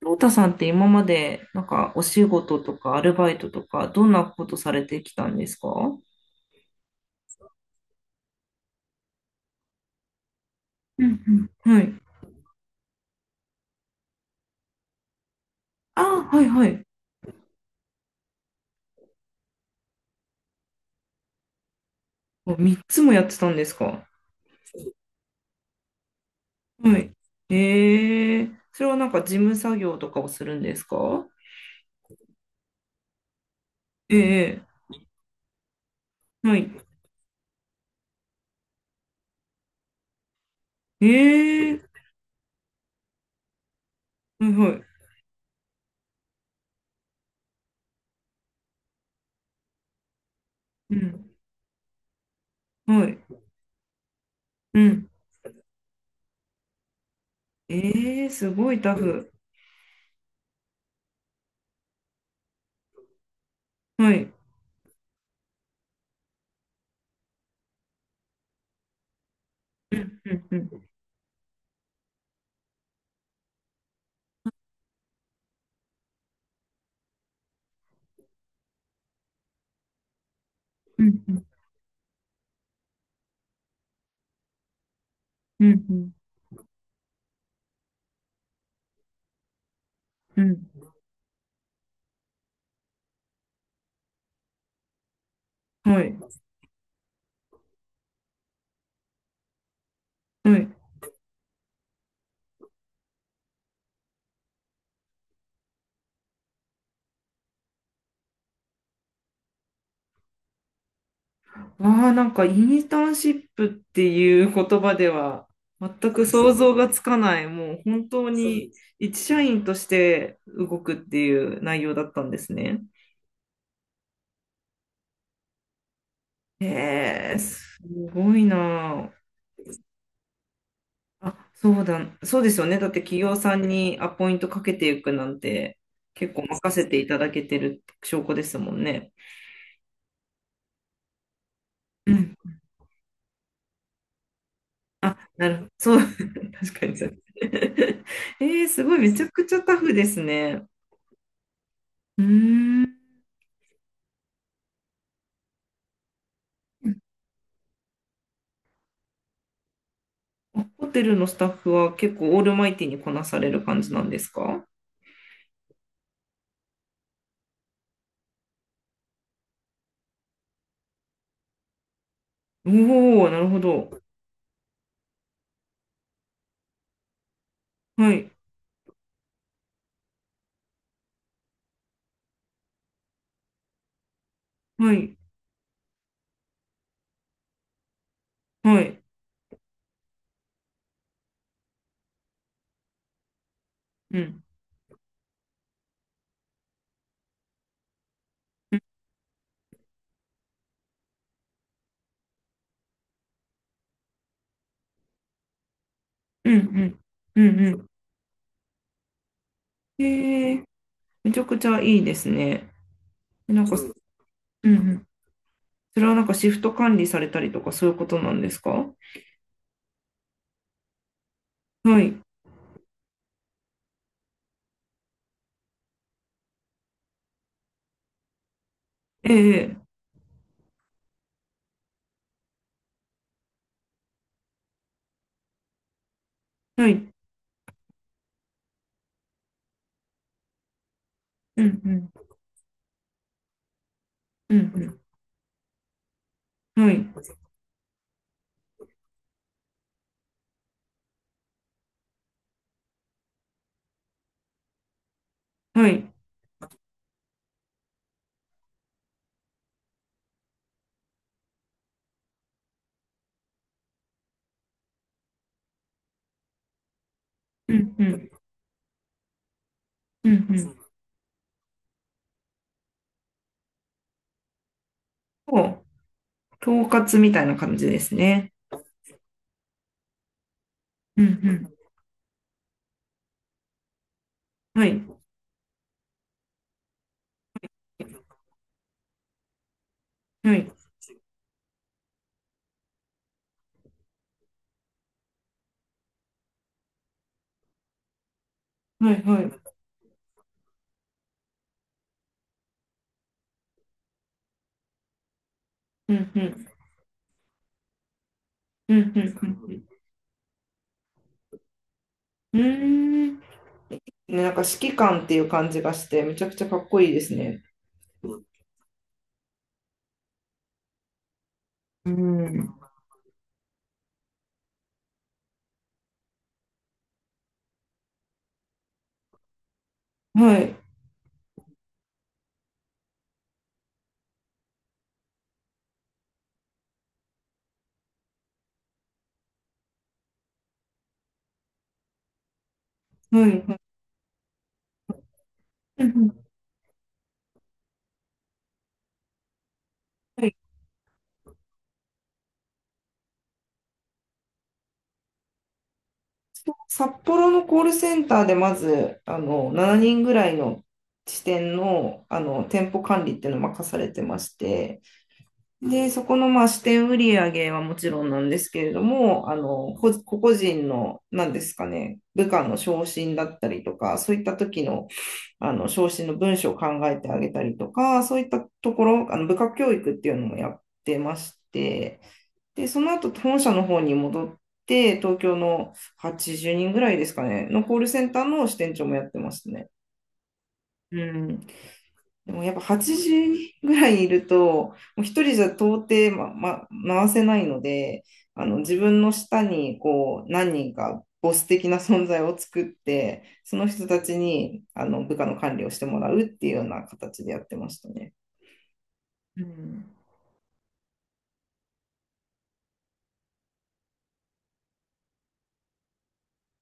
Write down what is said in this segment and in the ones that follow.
ロータさんって今まで、なんかお仕事とかアルバイトとか、どんなことされてきたんですか？はうんうん。い。あー、はいはい。3つもやってたんですか？はい。ええ、それはなんか事務作業とかをするんですか？ええ、はい。ええ、はいはい。うん。はい。うん。ええ、すごいタフ。はい。うんうんうん。うんうんうんうん。はい。はい。ああ、なんかインターンシップっていう言葉では全く想そう、像がつかない、もう本当そう、に一社員として動くっていう内容だったんですね。へえ、すごいなあ。あ、そうだ、そうですよね。だって企業さんにアポイントかけていくなんて結構任せていただけてる証拠ですもんね。うん。あ、なるほど。そう、確かにそう。すごい、めちゃくちゃタフですね。うーん。ホテルのスタッフは結構オールマイティにこなされる感じなんですか？おおー、なるほど。はい、はい、はい。うん、うん、うん、うん、うん。へえ、めちゃくちゃいいですね。なんか、うん、うん。それはなんかシフト管理されたりとかそういうことなんですか？はい、ええ、はい、うん、うん、うん、うん、はい、はい、うん、うん、うん、うん。そう、統括みたいな感じですね。うん、うん、はい、はい、はい、はい、うん、うん。うんうんうんうん。うーん。ね、なんか指揮官っていう感じがして、めちゃくちゃかっこいいですね。うん。はい。はい。うんうん、はい。札幌のコールセンターでまず、7人ぐらいの支店の、店舗管理っていうのを任されてまして、で、そこのまあ支店売上はもちろんなんですけれども、個々人の、なんですかね、部下の昇進だったりとか、そういった時の、昇進の文章を考えてあげたりとか、そういったところ、部下教育っていうのもやってまして、で、その後、本社の方に戻って、東京の80人ぐらいですかね、のコールセンターの支店長もやってますね。うん。でもやっぱ8時ぐらいいると、もう一人じゃ到底、回せないので、自分の下にこう何人かボス的な存在を作って、その人たちに部下の管理をしてもらうっていうような形でやってましたね。うん、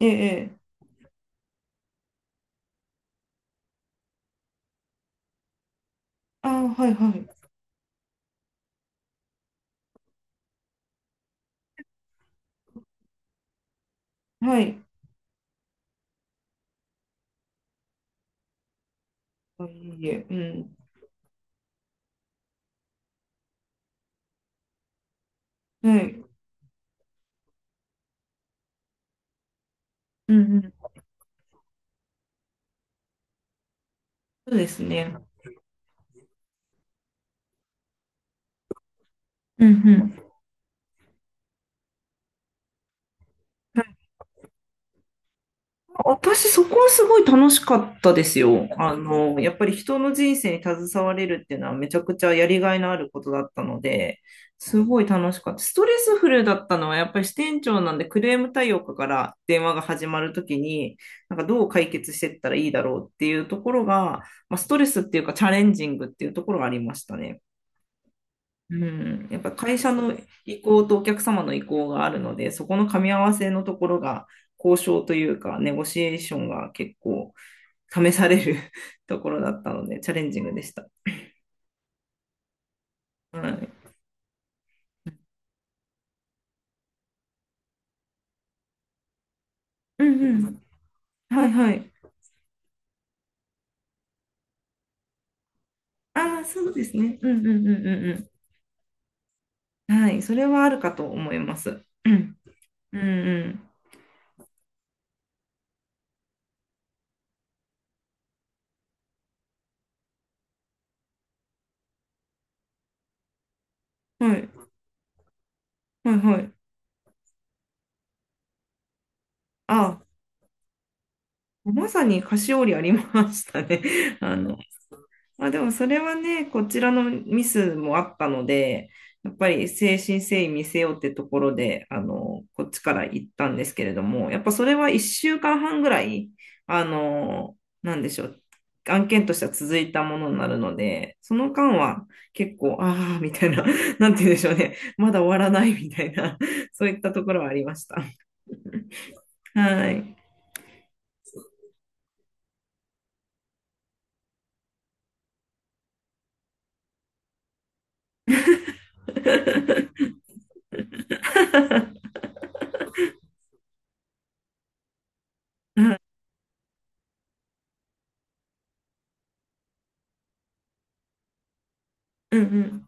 ええ、ええ、ああ、はいはい。はい。あ、いいえ、うん。はい。うんうん。そうですね。うんうん。私、そこはすごい楽しかったですよ。やっぱり人の人生に携われるっていうのはめちゃくちゃやりがいのあることだったので、すごい楽しかった。ストレスフルだったのはやっぱり支店長なんで、クレーム対応課から電話が始まるときに、なんかどう解決していったらいいだろうっていうところが、まあ、ストレスっていうかチャレンジングっていうところがありましたね。うん、やっぱ会社の意向とお客様の意向があるので、そこの噛み合わせのところが交渉というか、ネゴシエーションが結構試される ところだったので、チャレンジングでした。はい。うんうん。はいはい。ああ、そうですね。うんうんうんうんうん。はい。それはあるかと思います。うん。うんうん。はい。はいはい。ああ、まさに菓子折りありましたね。あの、まあでもそれはね、こちらのミスもあったので、やっぱり誠心誠意見せようってところで、こっちから行ったんですけれども、やっぱそれは1週間半ぐらい、なんでしょう、案件としては続いたものになるので、その間は結構、ああ、みたいな、なんて言うんでしょうね、まだ終わらないみたいな、そういったところはありました。はい。うんう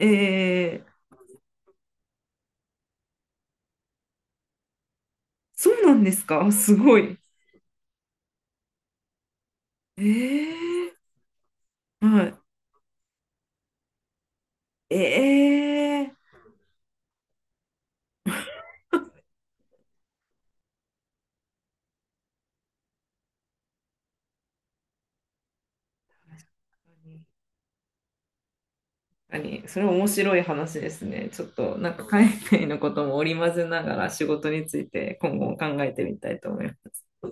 ん。えー、そうなんですか？すごい。ええ、はい。ええ、確かにそれ面白い話ですね。ちょっとなんか海外のことも織り交ぜながら仕事について今後も考えてみたいと思います。